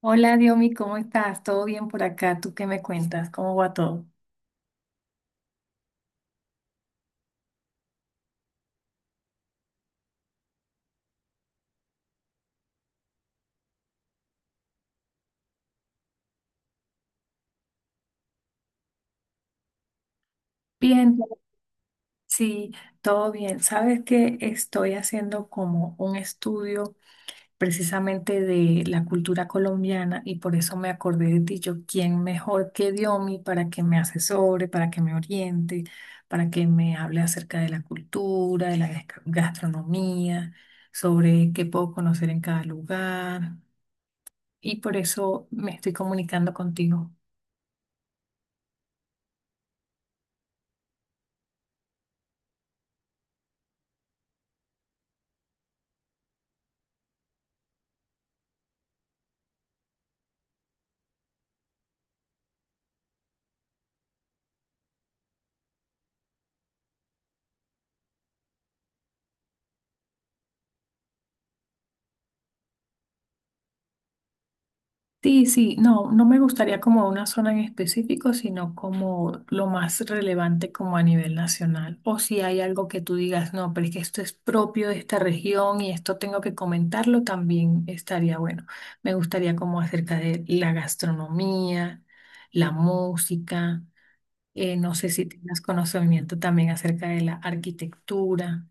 Hola, Diomi, ¿cómo estás? ¿Todo bien por acá? ¿Tú qué me cuentas? ¿Cómo va todo? Bien, todo- sí, todo bien. Sabes que estoy haciendo como un estudio precisamente de la cultura colombiana y por eso me acordé de ti. Yo, ¿quién mejor que Diomi para que me asesore, para que me oriente, para que me hable acerca de la cultura, de la gastronomía, sobre qué puedo conocer en cada lugar? Y por eso me estoy comunicando contigo. Sí, sí, no, no me gustaría como una zona en específico, sino como lo más relevante como a nivel nacional. O si hay algo que tú digas, no, pero es que esto es propio de esta región y esto tengo que comentarlo, también estaría bueno. Me gustaría como acerca de la gastronomía, la música, no sé si tengas conocimiento también acerca de la arquitectura.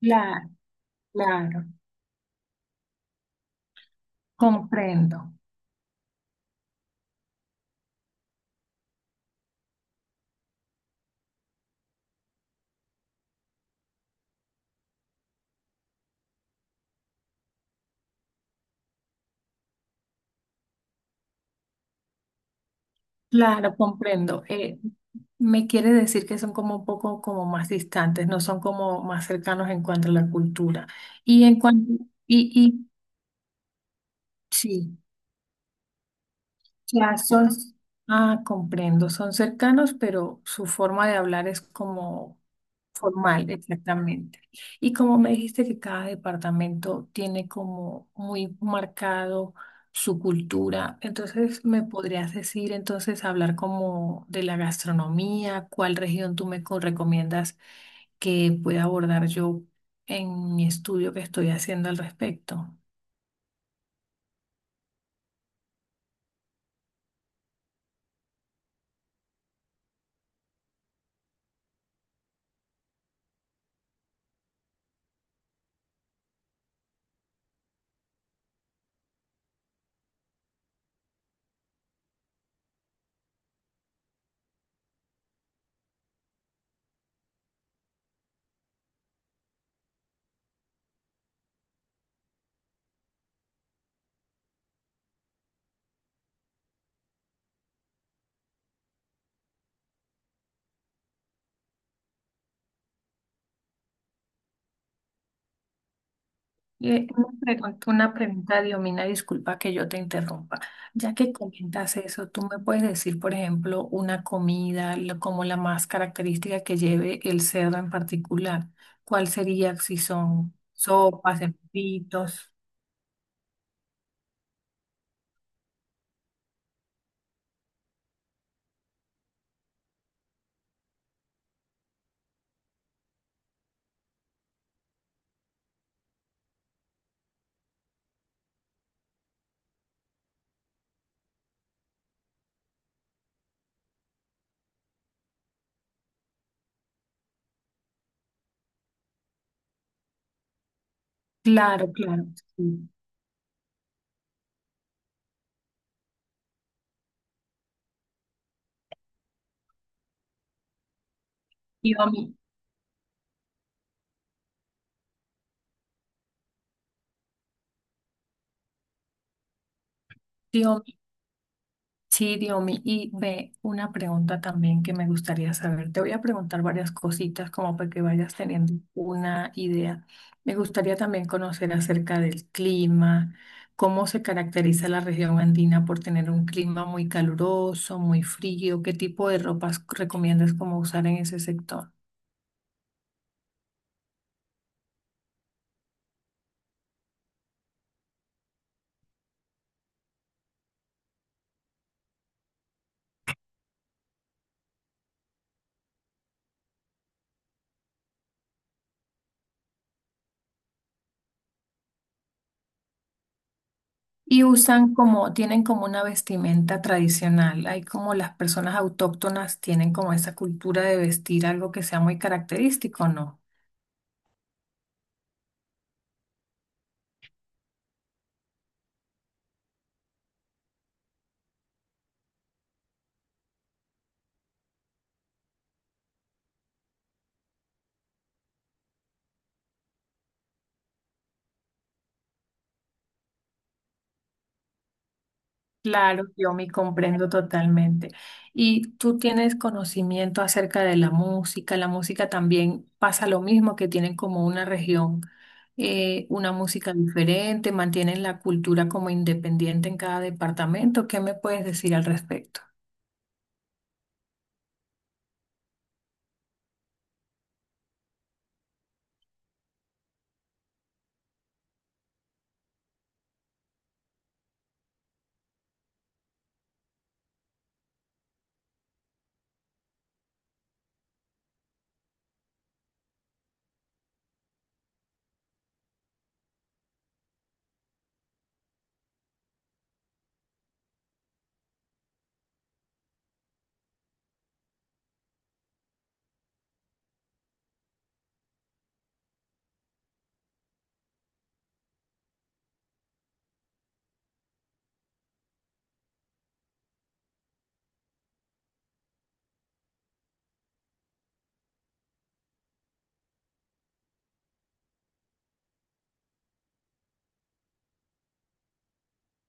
Claro, claro. Comprendo. Claro, comprendo. Me quiere decir que son como un poco como más distantes, no son como más cercanos en cuanto a la cultura. Y en cuanto, y sí. Ya son, ah, comprendo, son cercanos, pero su forma de hablar es como formal, exactamente. Y como me dijiste que cada departamento tiene como muy marcado su cultura, entonces me podrías decir, entonces, hablar como de la gastronomía, ¿cuál región tú me recomiendas que pueda abordar yo en mi estudio que estoy haciendo al respecto? Una pregunta, Diomina, disculpa que yo te interrumpa. Ya que comentas eso, ¿tú me puedes decir, por ejemplo, una comida como la más característica que lleve el cerdo en particular? ¿Cuál sería si son sopas, embutidos? Claro, claro. Sí. Diomi- Diomina, sí, Diomi, y ve una pregunta también que me gustaría saber. Te voy a preguntar varias cositas como para que vayas teniendo una idea. Me gustaría también conocer acerca del clima, cómo se caracteriza la región andina, por tener un clima muy caluroso, muy frío, qué tipo de ropas recomiendas como usar en ese sector. Y usan como, tienen como una vestimenta tradicional. Hay como las personas autóctonas tienen como esa cultura de vestir algo que sea muy característico, ¿no? Claro, yo me comprendo totalmente. Y tú tienes conocimiento acerca de la música. La música también pasa lo mismo, que tienen como una región, una música diferente, mantienen la cultura como independiente en cada departamento. ¿Qué me puedes decir al respecto?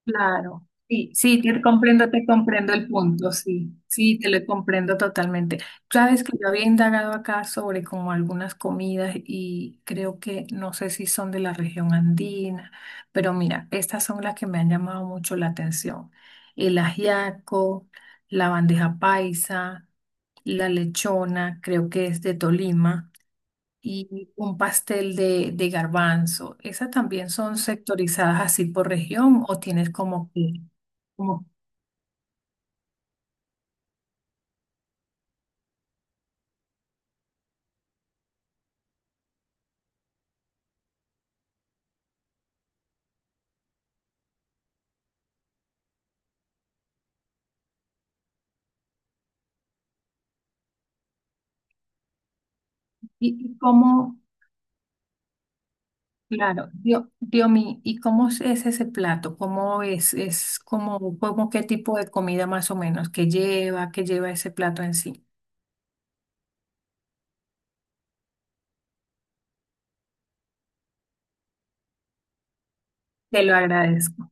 Claro, sí, sí, te comprendo el punto, sí, sí, te lo comprendo totalmente. Sabes que yo había indagado acá sobre como algunas comidas y creo que no sé si son de la región andina, pero mira, estas son las que me han llamado mucho la atención. El ajiaco, la bandeja paisa, la lechona, creo que es de Tolima, y un pastel de garbanzo. ¿Esas también son sectorizadas así por región o tienes como que, como, y cómo, claro, Diomi, ¿y cómo es ese plato? ¿Cómo es como, como qué tipo de comida más o menos que lleva ese plato en sí? Te lo agradezco.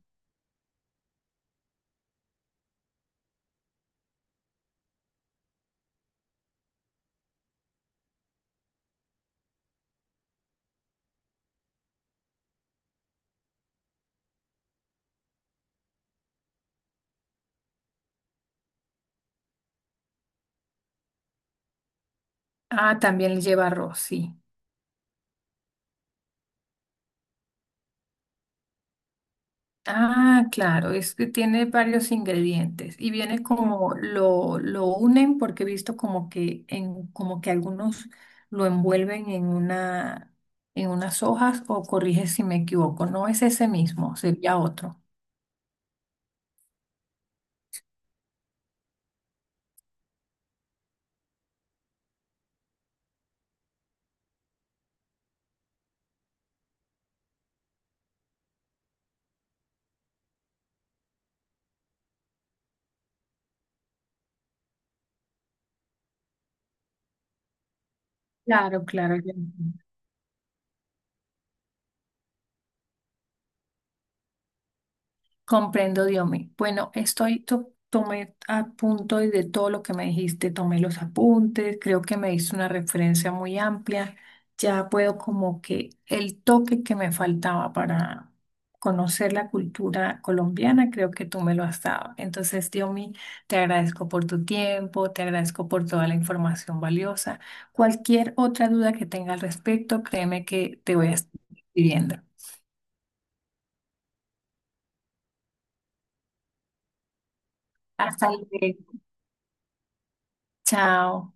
Ah, también lleva arroz, sí. Ah, claro, es que tiene varios ingredientes y viene como lo unen porque he visto como que en como que algunos lo envuelven en una, en unas hojas, o corrige si me equivoco, no es ese mismo, sería otro. Claro, claro. Ya entendí. Comprendo, Diomi. Bueno, estoy, tomé a punto de todo lo que me dijiste, tomé los apuntes, creo que me diste una referencia muy amplia. Ya puedo como que el toque que me faltaba para conocer la cultura colombiana, creo que tú me lo has dado. Entonces, Diomi, te agradezco por tu tiempo, te agradezco por toda la información valiosa. Cualquier otra duda que tenga al respecto, créeme que te voy a estar pidiendo. Hasta luego. Chao.